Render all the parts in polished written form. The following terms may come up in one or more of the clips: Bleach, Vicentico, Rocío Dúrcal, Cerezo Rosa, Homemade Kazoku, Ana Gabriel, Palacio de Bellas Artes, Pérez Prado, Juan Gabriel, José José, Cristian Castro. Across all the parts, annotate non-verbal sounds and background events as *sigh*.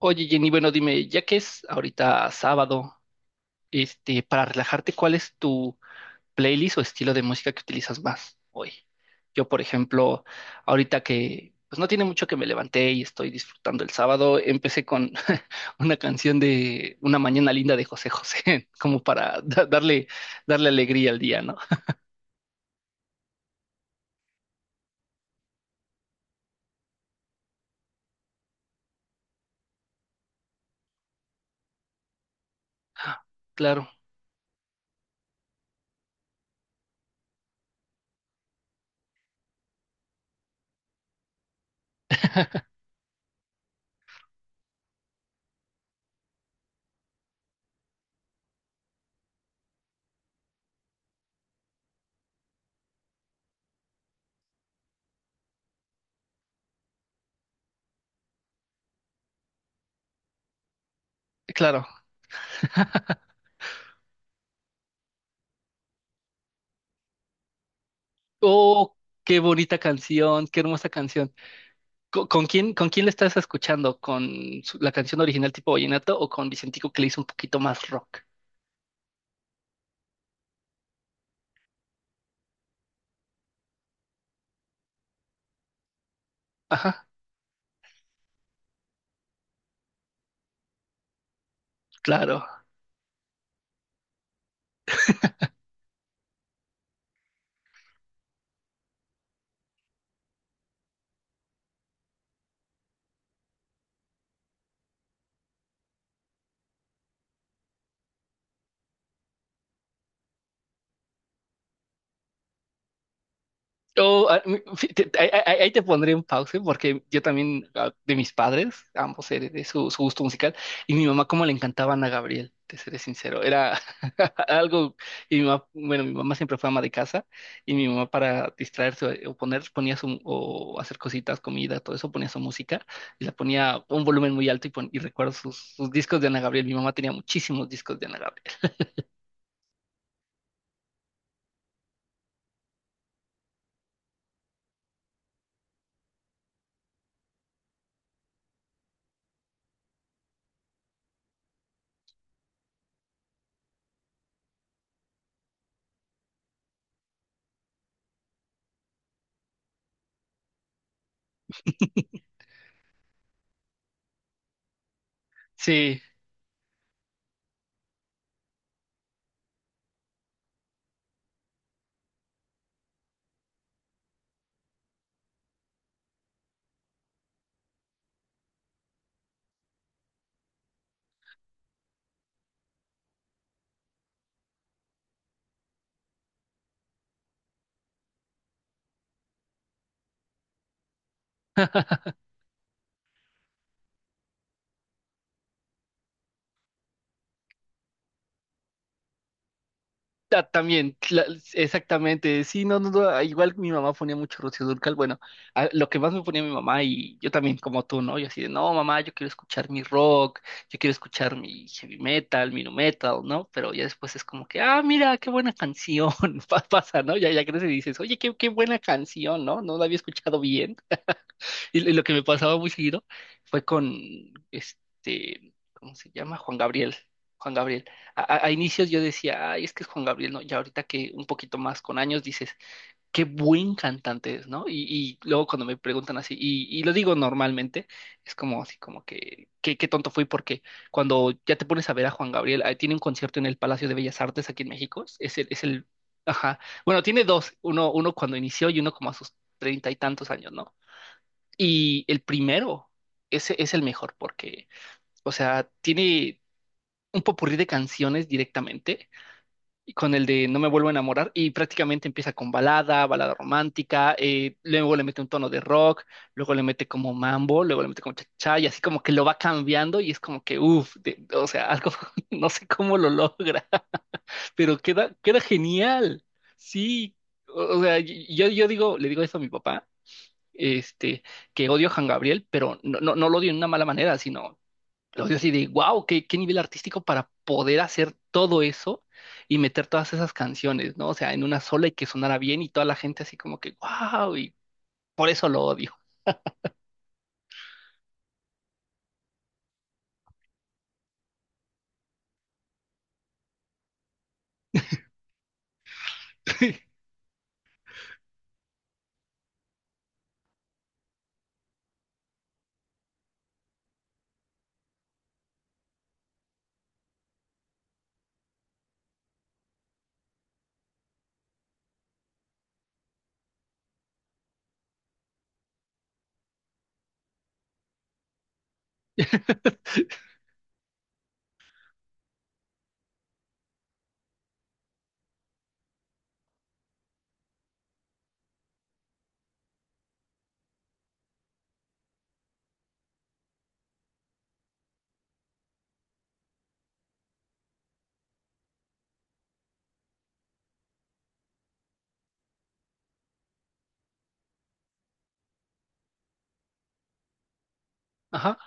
Oye, Jenny, bueno, dime, ya que es ahorita sábado, para relajarte, ¿cuál es tu playlist o estilo de música que utilizas más hoy? Yo, por ejemplo, ahorita que pues no tiene mucho que me levanté y estoy disfrutando el sábado, empecé con *laughs* una canción de Una mañana linda de José José, *laughs* como para darle alegría al día, ¿no? Claro. *laughs* Claro. Oh, qué bonita canción, qué hermosa canción. Con quién le estás escuchando? ¿Con su- la canción original tipo vallenato o con Vicentico que le hizo un poquito más rock? Ajá, claro. Oh, ah, mm, sí, te- ahí te pondré un pause porque yo también, ah, de mis padres, ambos heredé de su, su gusto musical, y mi mamá como le encantaba Ana Gabriel, te seré sincero, era *laughs* algo, y mi mamá, bueno, mi mamá siempre fue ama de casa, y mi mamá para distraerse o poner, ponía su, o hacer cositas, comida, todo eso, ponía su música, y la ponía a un volumen muy alto, y, pon- y recuerdo sus, sus discos de Ana Gabriel, mi mamá tenía muchísimos discos de Ana Gabriel. Sí, ah, también, la- exactamente. Sí, no, no, no, igual mi mamá ponía mucho Rocío Dúrcal. Bueno, a- lo que más me ponía mi mamá y yo también como tú, ¿no? Yo así de, no, mamá, yo quiero escuchar mi rock, yo quiero escuchar mi heavy metal, mi nu metal, ¿no? Pero ya después es como que, ah, mira, qué buena canción. *laughs* pa- Pasa, ¿no? Ya, ya creces y dices, oye, qué, qué buena canción, ¿no? No la había escuchado bien. Y lo que me pasaba muy seguido fue con este, ¿cómo se llama? Juan Gabriel. Juan Gabriel. A inicios yo decía, ay, es que es Juan Gabriel, ¿no? Ya ahorita que un poquito más con años dices, qué buen cantante es, ¿no? Y luego cuando me preguntan así, y lo digo normalmente, es como así, como que, qué, qué tonto fui, porque cuando ya te pones a ver a Juan Gabriel, ah, tiene un concierto en el Palacio de Bellas Artes aquí en México, es el, ajá, bueno, tiene dos, uno, uno cuando inició y uno como a sus treinta y tantos años, ¿no? Y el primero, ese es el mejor porque, o sea, tiene un popurrí de canciones directamente, y con el de No me vuelvo a enamorar, y prácticamente empieza con balada, balada romántica, luego le mete un tono de rock, luego le mete como mambo, luego le mete como cha y así como que lo va cambiando y es como que, uff, o sea, algo, *laughs* no sé cómo lo logra, *laughs* pero queda, queda genial. Sí, o sea, yo digo, le digo eso a mi papá este, que odio a Juan Gabriel, pero no, no, no lo odio en una mala manera, sino lo odio así de, wow, qué, qué nivel artístico para poder hacer todo eso y meter todas esas canciones, ¿no? O sea, en una sola y que sonara bien y toda la gente así como que, wow, y por eso lo odio. *laughs* Ajá.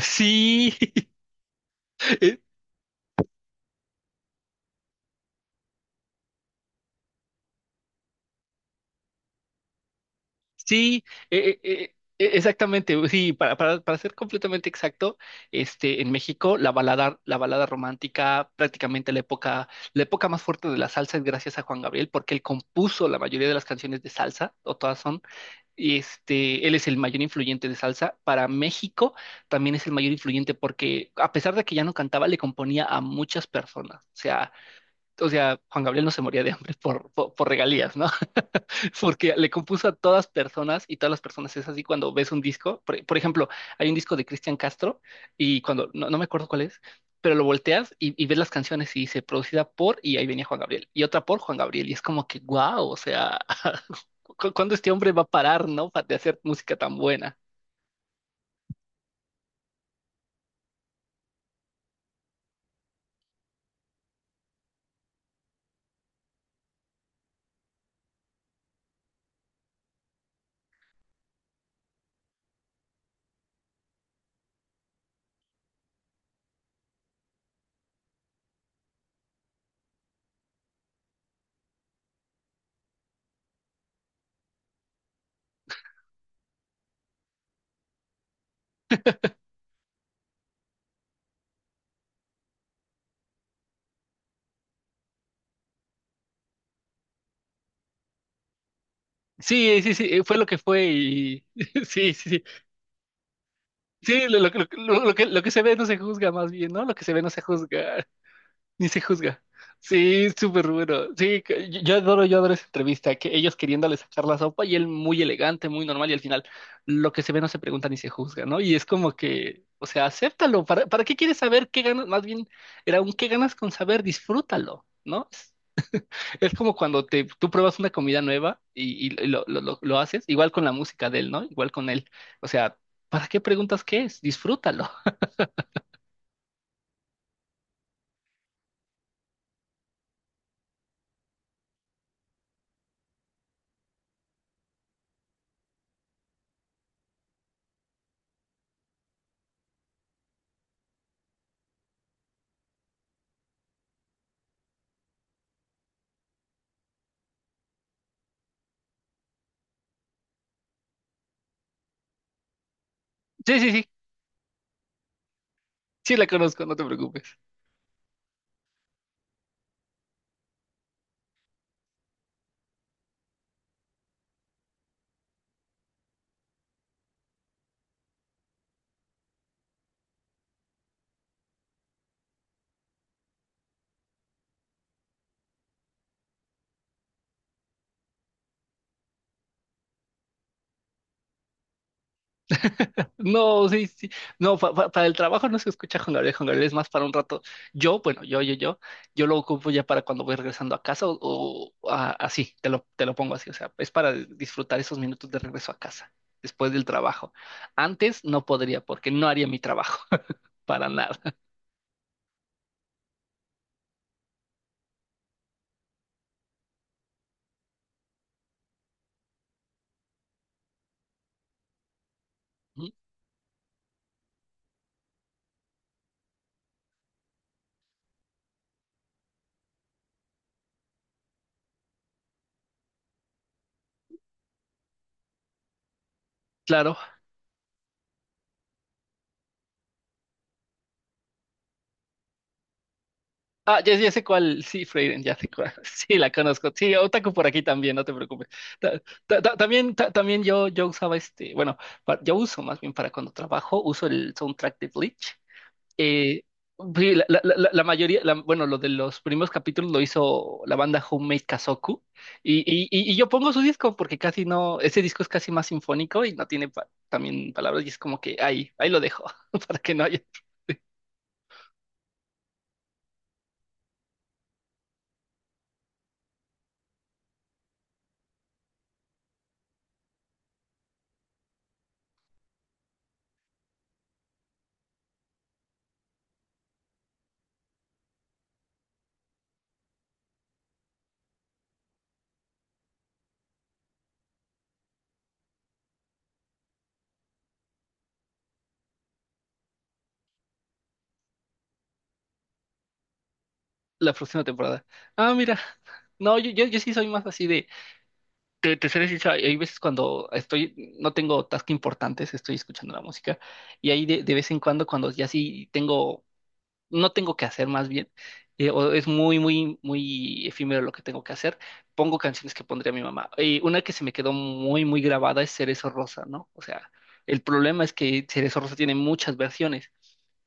Sí, *laughs* es, sí, exactamente. Sí, para ser completamente exacto, en México la balada romántica, prácticamente la época más fuerte de la salsa es gracias a Juan Gabriel, porque él compuso la mayoría de las canciones de salsa, o todas son, y este, él es el mayor influyente de salsa. Para México también es el mayor influyente porque a pesar de que ya no cantaba, le componía a muchas personas. O sea, Juan Gabriel no se moría de hambre por regalías, ¿no? *laughs* Porque le compuso a todas personas y todas las personas es así cuando ves un disco. Por ejemplo, hay un disco de Cristian Castro y cuando, no, no me acuerdo cuál es, pero lo volteas y ves las canciones y dice producida por, y ahí venía Juan Gabriel, y otra por Juan Gabriel, y es como que, wow, o sea, *laughs* ¿cu- ¿cuándo este hombre va a parar, no? pa- De hacer música tan buena. Sí, sí, sí, fue lo que fue y *laughs* sí, sí, sí, sí, lo, lo que se ve no se juzga más bien, ¿no? Lo que se ve no se juzga. Ni se juzga. Sí, súper bueno. Sí, que- yo adoro, yo adoro esa entrevista, que ellos queriéndole sacar la sopa y él muy elegante, muy normal, y al final lo que se ve no se pregunta ni se juzga, ¿no? Y es como que, o sea, acéptalo. Para qué quieres saber qué ganas? Más bien, era un qué ganas con saber, disfrútalo, ¿no? Es como cuando te, tú pruebas una comida nueva y lo haces, igual con la música de él, ¿no? Igual con él. O sea, ¿para qué preguntas qué es? Disfrútalo. Sí, sí, sí. Sí, la conozco, no te preocupes. No, sí, sí. No, pa- pa- para el trabajo no se escucha Juan Gabriel. Juan Gabriel es más para un rato. Yo, bueno, yo lo ocupo ya para cuando voy regresando a casa o a- así, te lo pongo así. O sea, es para disfrutar esos minutos de regreso a casa, después del trabajo. Antes no podría porque no haría mi trabajo, *laughs* para nada. Ujú. Claro. Ah, ya, ya sé cuál, sí, Freiden, ya sé cuál, *laughs* sí, la conozco, sí, Otaku por aquí también, no te preocupes. También también yo usaba este, bueno, pa- yo uso más bien para cuando trabajo, uso el soundtrack de Bleach. Eh, sí, la, la mayoría, la- bueno, lo de los primeros capítulos lo hizo la banda Homemade Kazoku, y, y yo pongo su disco porque casi no, ese disco es casi más sinfónico y no tiene pa- también palabras, y es como que ahí, ahí lo dejo, *laughs* para que no haya, la próxima temporada. Ah, mira. *laughs* No, yo sí soy más así de. Te seré sincero, hay veces cuando estoy, no tengo tasks importantes, estoy escuchando la música. Y ahí de vez en cuando, cuando ya sí tengo no tengo que hacer más bien, o es muy, muy, muy efímero lo que tengo que hacer, pongo canciones que pondría mi mamá. Y una que se me quedó muy, muy grabada es Cerezo Rosa, ¿no? O sea, el problema es que Cerezo Rosa tiene muchas versiones,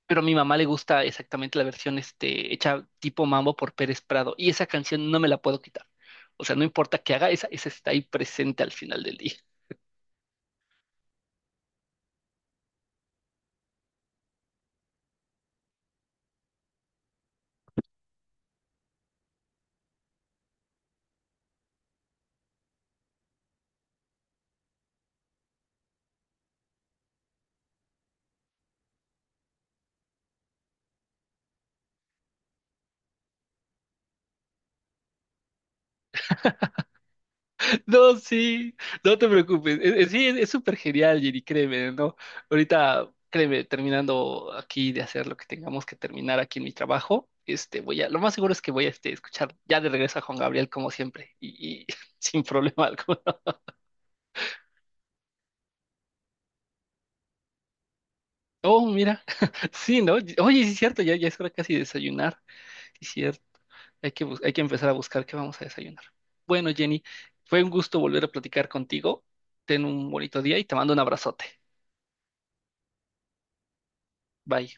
pero a mi mamá le gusta exactamente la versión hecha tipo mambo por Pérez Prado, y esa canción no me la puedo quitar. O sea, no importa qué haga, esa está ahí presente al final del día. No, sí, no te preocupes. Es- sí, es súper genial, Jenny, créeme, ¿no? Ahorita, créeme, terminando aquí de hacer lo que tengamos que terminar aquí en mi trabajo, este, voy a, lo más seguro es que voy a este, escuchar ya de regreso a Juan Gabriel como siempre y *laughs* sin problema alguno. Oh, mira, *laughs* sí, ¿no? Oye, sí es cierto, ya, ya es hora casi de desayunar, sí es cierto. Hay que, bus- hay que empezar a buscar qué vamos a desayunar. Bueno, Jenny, fue un gusto volver a platicar contigo. Ten un bonito día y te mando un abrazote. Bye.